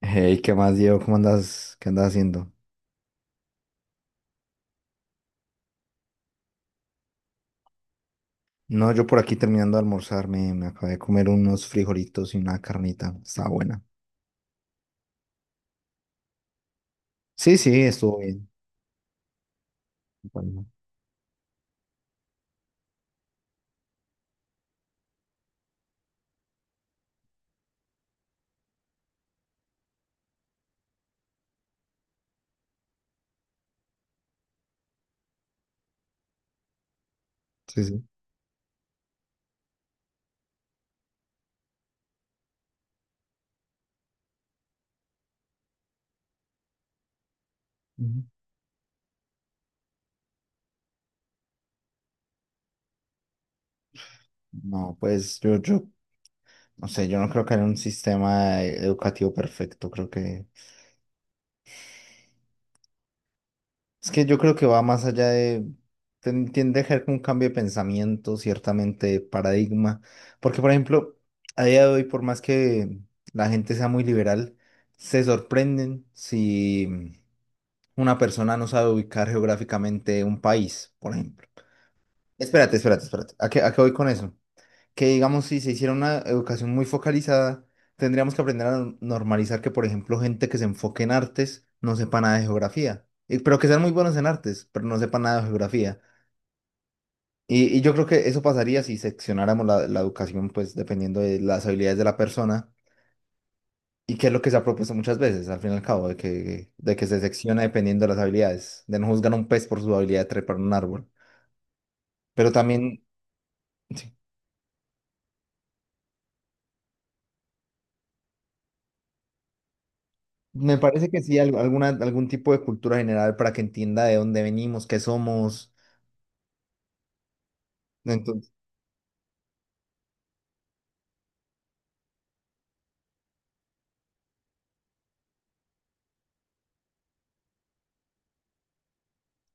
Hey, ¿qué más, Diego? ¿Cómo andas? ¿Qué andas haciendo? No, yo por aquí terminando de almorzar, me acabé de comer unos frijolitos y una carnita. Estaba buena. Sí, sí, estuvo bien. Bueno. Sí, sí. Ujú. No, pues no sé, yo no creo que haya un sistema educativo perfecto. Creo que es que yo creo que va más allá de, tiende a ser como un cambio de pensamiento, ciertamente, de paradigma. Porque, por ejemplo, a día de hoy, por más que la gente sea muy liberal, se sorprenden si una persona no sabe ubicar geográficamente un país, por ejemplo. Espérate, espérate, espérate. ¿A qué voy con eso? Que digamos, si se hiciera una educación muy focalizada, tendríamos que aprender a normalizar que, por ejemplo, gente que se enfoque en artes no sepa nada de geografía. Pero que sean muy buenos en artes, pero no sepa nada de geografía. Y yo creo que eso pasaría si seccionáramos la educación, pues dependiendo de las habilidades de la persona, y que es lo que se ha propuesto muchas veces, al fin y al cabo, de que se secciona dependiendo de las habilidades, de no juzgar a un pez por su habilidad de trepar un árbol. Pero también... Sí. Me parece que sí, alguna, algún tipo de cultura general para que entienda de dónde venimos, qué somos. Entonces,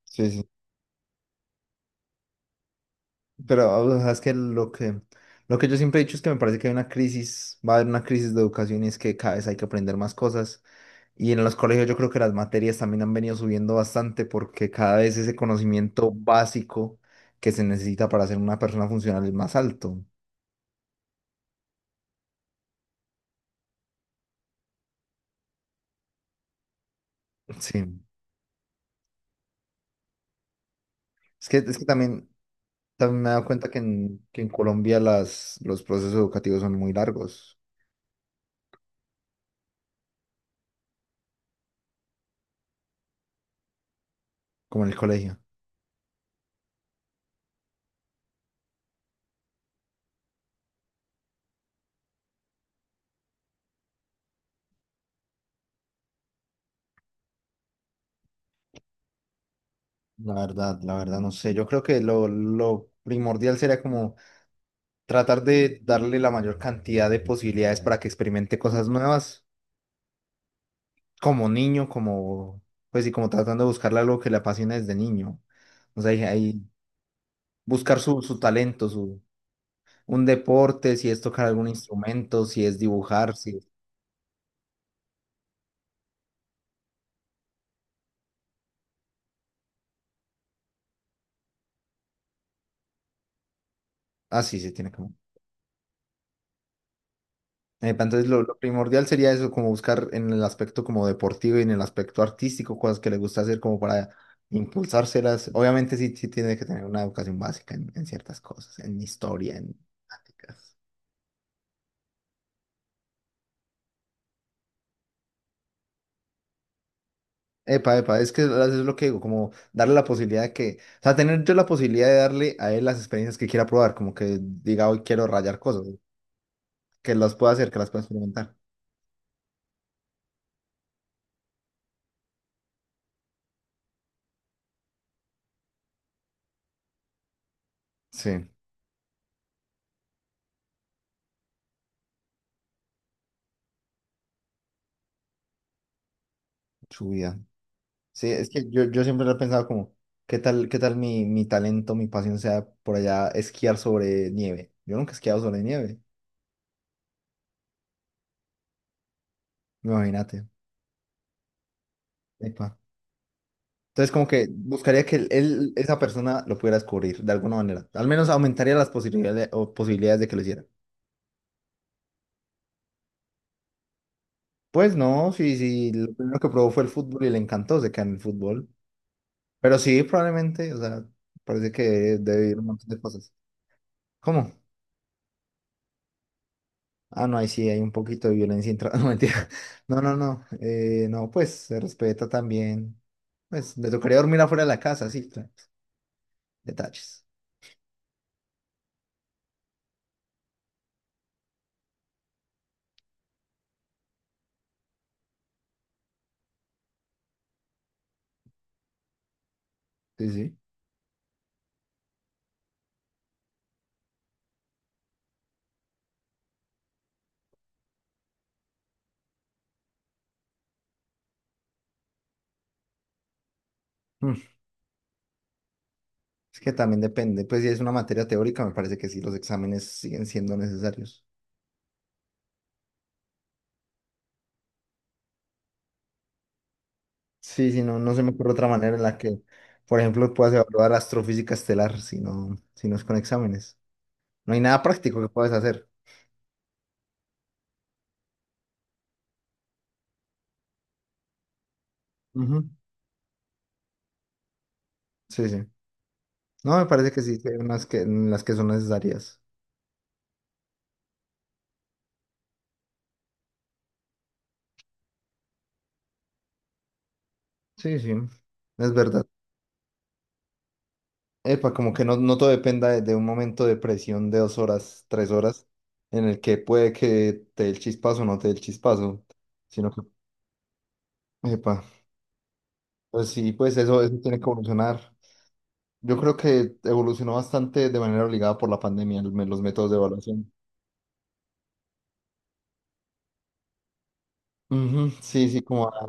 sí, sí. Pero ah, o sea, es que lo que yo siempre he dicho es que me parece que hay una crisis, va a haber una crisis de educación, y es que cada vez hay que aprender más cosas. Y en los colegios yo creo que las materias también han venido subiendo bastante, porque cada vez ese conocimiento básico que se necesita para ser una persona funcional es más alto. Sí. Es que también, también me he dado cuenta que en Colombia los procesos educativos son muy largos. Como en el colegio. La verdad, no sé. Yo creo que lo primordial sería como tratar de darle la mayor cantidad de posibilidades para que experimente cosas nuevas, como niño, como, pues, y como tratando de buscarle algo que le apasione desde niño. O sea, ahí buscar su, su talento, su, un deporte, si es tocar algún instrumento, si es dibujar, si... Ah, sí, sí, tiene que... Epa, entonces lo primordial sería eso, como buscar en el aspecto como deportivo y en el aspecto artístico cosas que le gusta hacer como para impulsárselas. Obviamente sí, sí tiene que tener una educación básica en ciertas cosas, en historia, en... Epa, epa, es que eso es lo que digo, como darle la posibilidad de que, o sea, tener yo la posibilidad de darle a él las experiencias que quiera probar, como que diga hoy quiero rayar cosas, que las pueda hacer, que las pueda experimentar. Sí, su vida. Sí, es que yo siempre lo he pensado como, qué tal mi, mi talento, mi pasión sea por allá esquiar sobre nieve? Yo nunca he esquiado sobre nieve, imagínate. Epa. Entonces como que buscaría que él, esa persona lo pudiera descubrir de alguna manera. Al menos aumentaría las posibilidades, o posibilidades de que lo hiciera. Pues no, si, si lo primero que probó fue el fútbol y le encantó, se queda en el fútbol. Pero sí, probablemente, o sea, parece que debe ir un montón de cosas. ¿Cómo? Ah, no, ahí sí hay un poquito de violencia intra... No, mentira. No, no, no. No, pues se respeta también. Pues le tocaría dormir afuera de la casa, sí, claro. Detalles. Sí, sí. Mm, Es que también depende. Pues si es una materia teórica, me parece que sí, los exámenes siguen siendo necesarios. Sí, sí, no, no se me ocurre otra manera en la que, por ejemplo, puedas evaluar astrofísica estelar si no, si no es con exámenes. No hay nada práctico que puedas hacer. Ujú. Sí, sí. No, me parece que sí, que hay unas que, en las que son necesarias. Sí, sí, es verdad. Epa, como que no, no todo dependa de un momento de presión de dos horas, tres horas, en el que puede que te dé el chispazo o no te dé el chispazo, sino que, epa, pues sí, pues eso tiene que evolucionar. Yo creo que evolucionó bastante de manera obligada por la pandemia, el los métodos de evaluación. Ujú, sí, sí, como... a-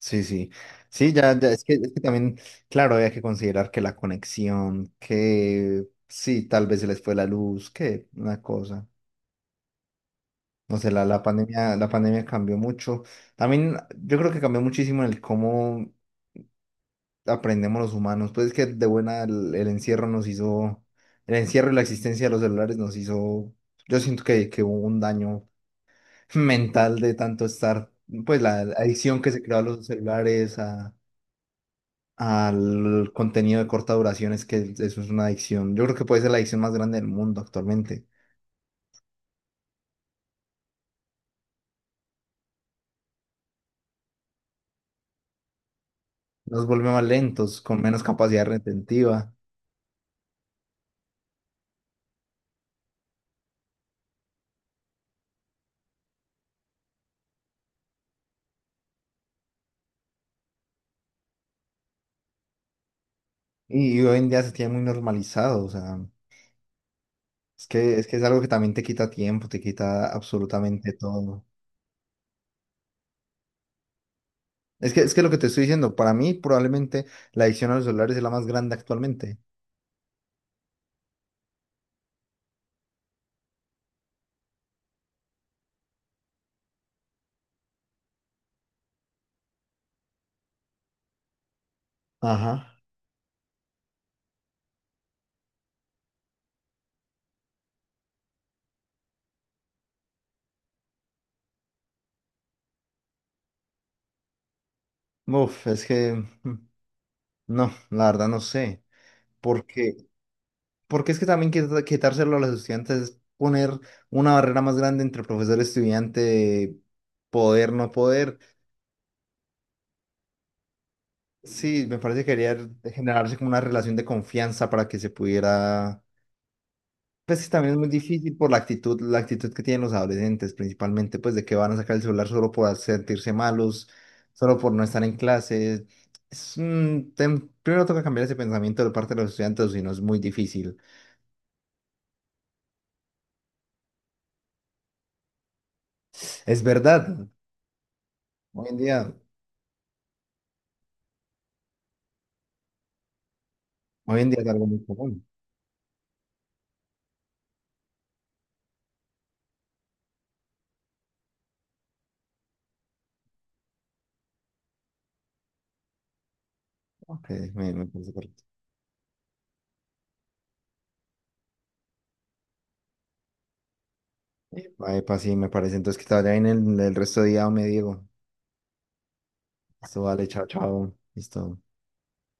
Sí, sí. Sí, ya, ya, es que también, claro, había que considerar que la conexión, que sí, tal vez se les fue la luz, que una cosa. No sé, la pandemia cambió mucho. También yo creo que cambió muchísimo el cómo aprendemos los humanos. Pues es que de buena el encierro nos hizo, el encierro y la existencia de los celulares nos hizo, yo siento que hubo un daño mental de tanto estar, pues la adicción que se creó a los celulares, a, al contenido de corta duración, es que eso es una adicción. Yo creo que puede ser la adicción más grande del mundo actualmente. Nos vuelve más lentos, con menos capacidad retentiva. Y hoy en día se tiene muy normalizado, o sea, es que, es que es algo que también te quita tiempo, te quita absolutamente todo. ¿No? Es que lo que te estoy diciendo, para mí probablemente la adicción a los celulares es la más grande actualmente. Ajá. Uf, es que mm, no, la verdad no sé. Porque, porque es que también quitárselo a los estudiantes es poner una barrera más grande entre profesor y estudiante, poder, no poder. Sí, me parece que quería generarse como una relación de confianza para que se pudiera. Pues que también es muy difícil por la actitud que tienen los adolescentes, principalmente, pues de que van a sacar el celular solo por sentirse malos, solo por no estar en clase. Es un primero toca cambiar ese pensamiento de parte de los estudiantes, o si no es muy difícil. Es verdad, hoy en día, hoy en día es algo muy común. Ok, me parece correcto. Epa, epa, sí, me parece. Entonces que te vaya bien el resto de día, me Diego. Esto vale, chao, chao. Listo.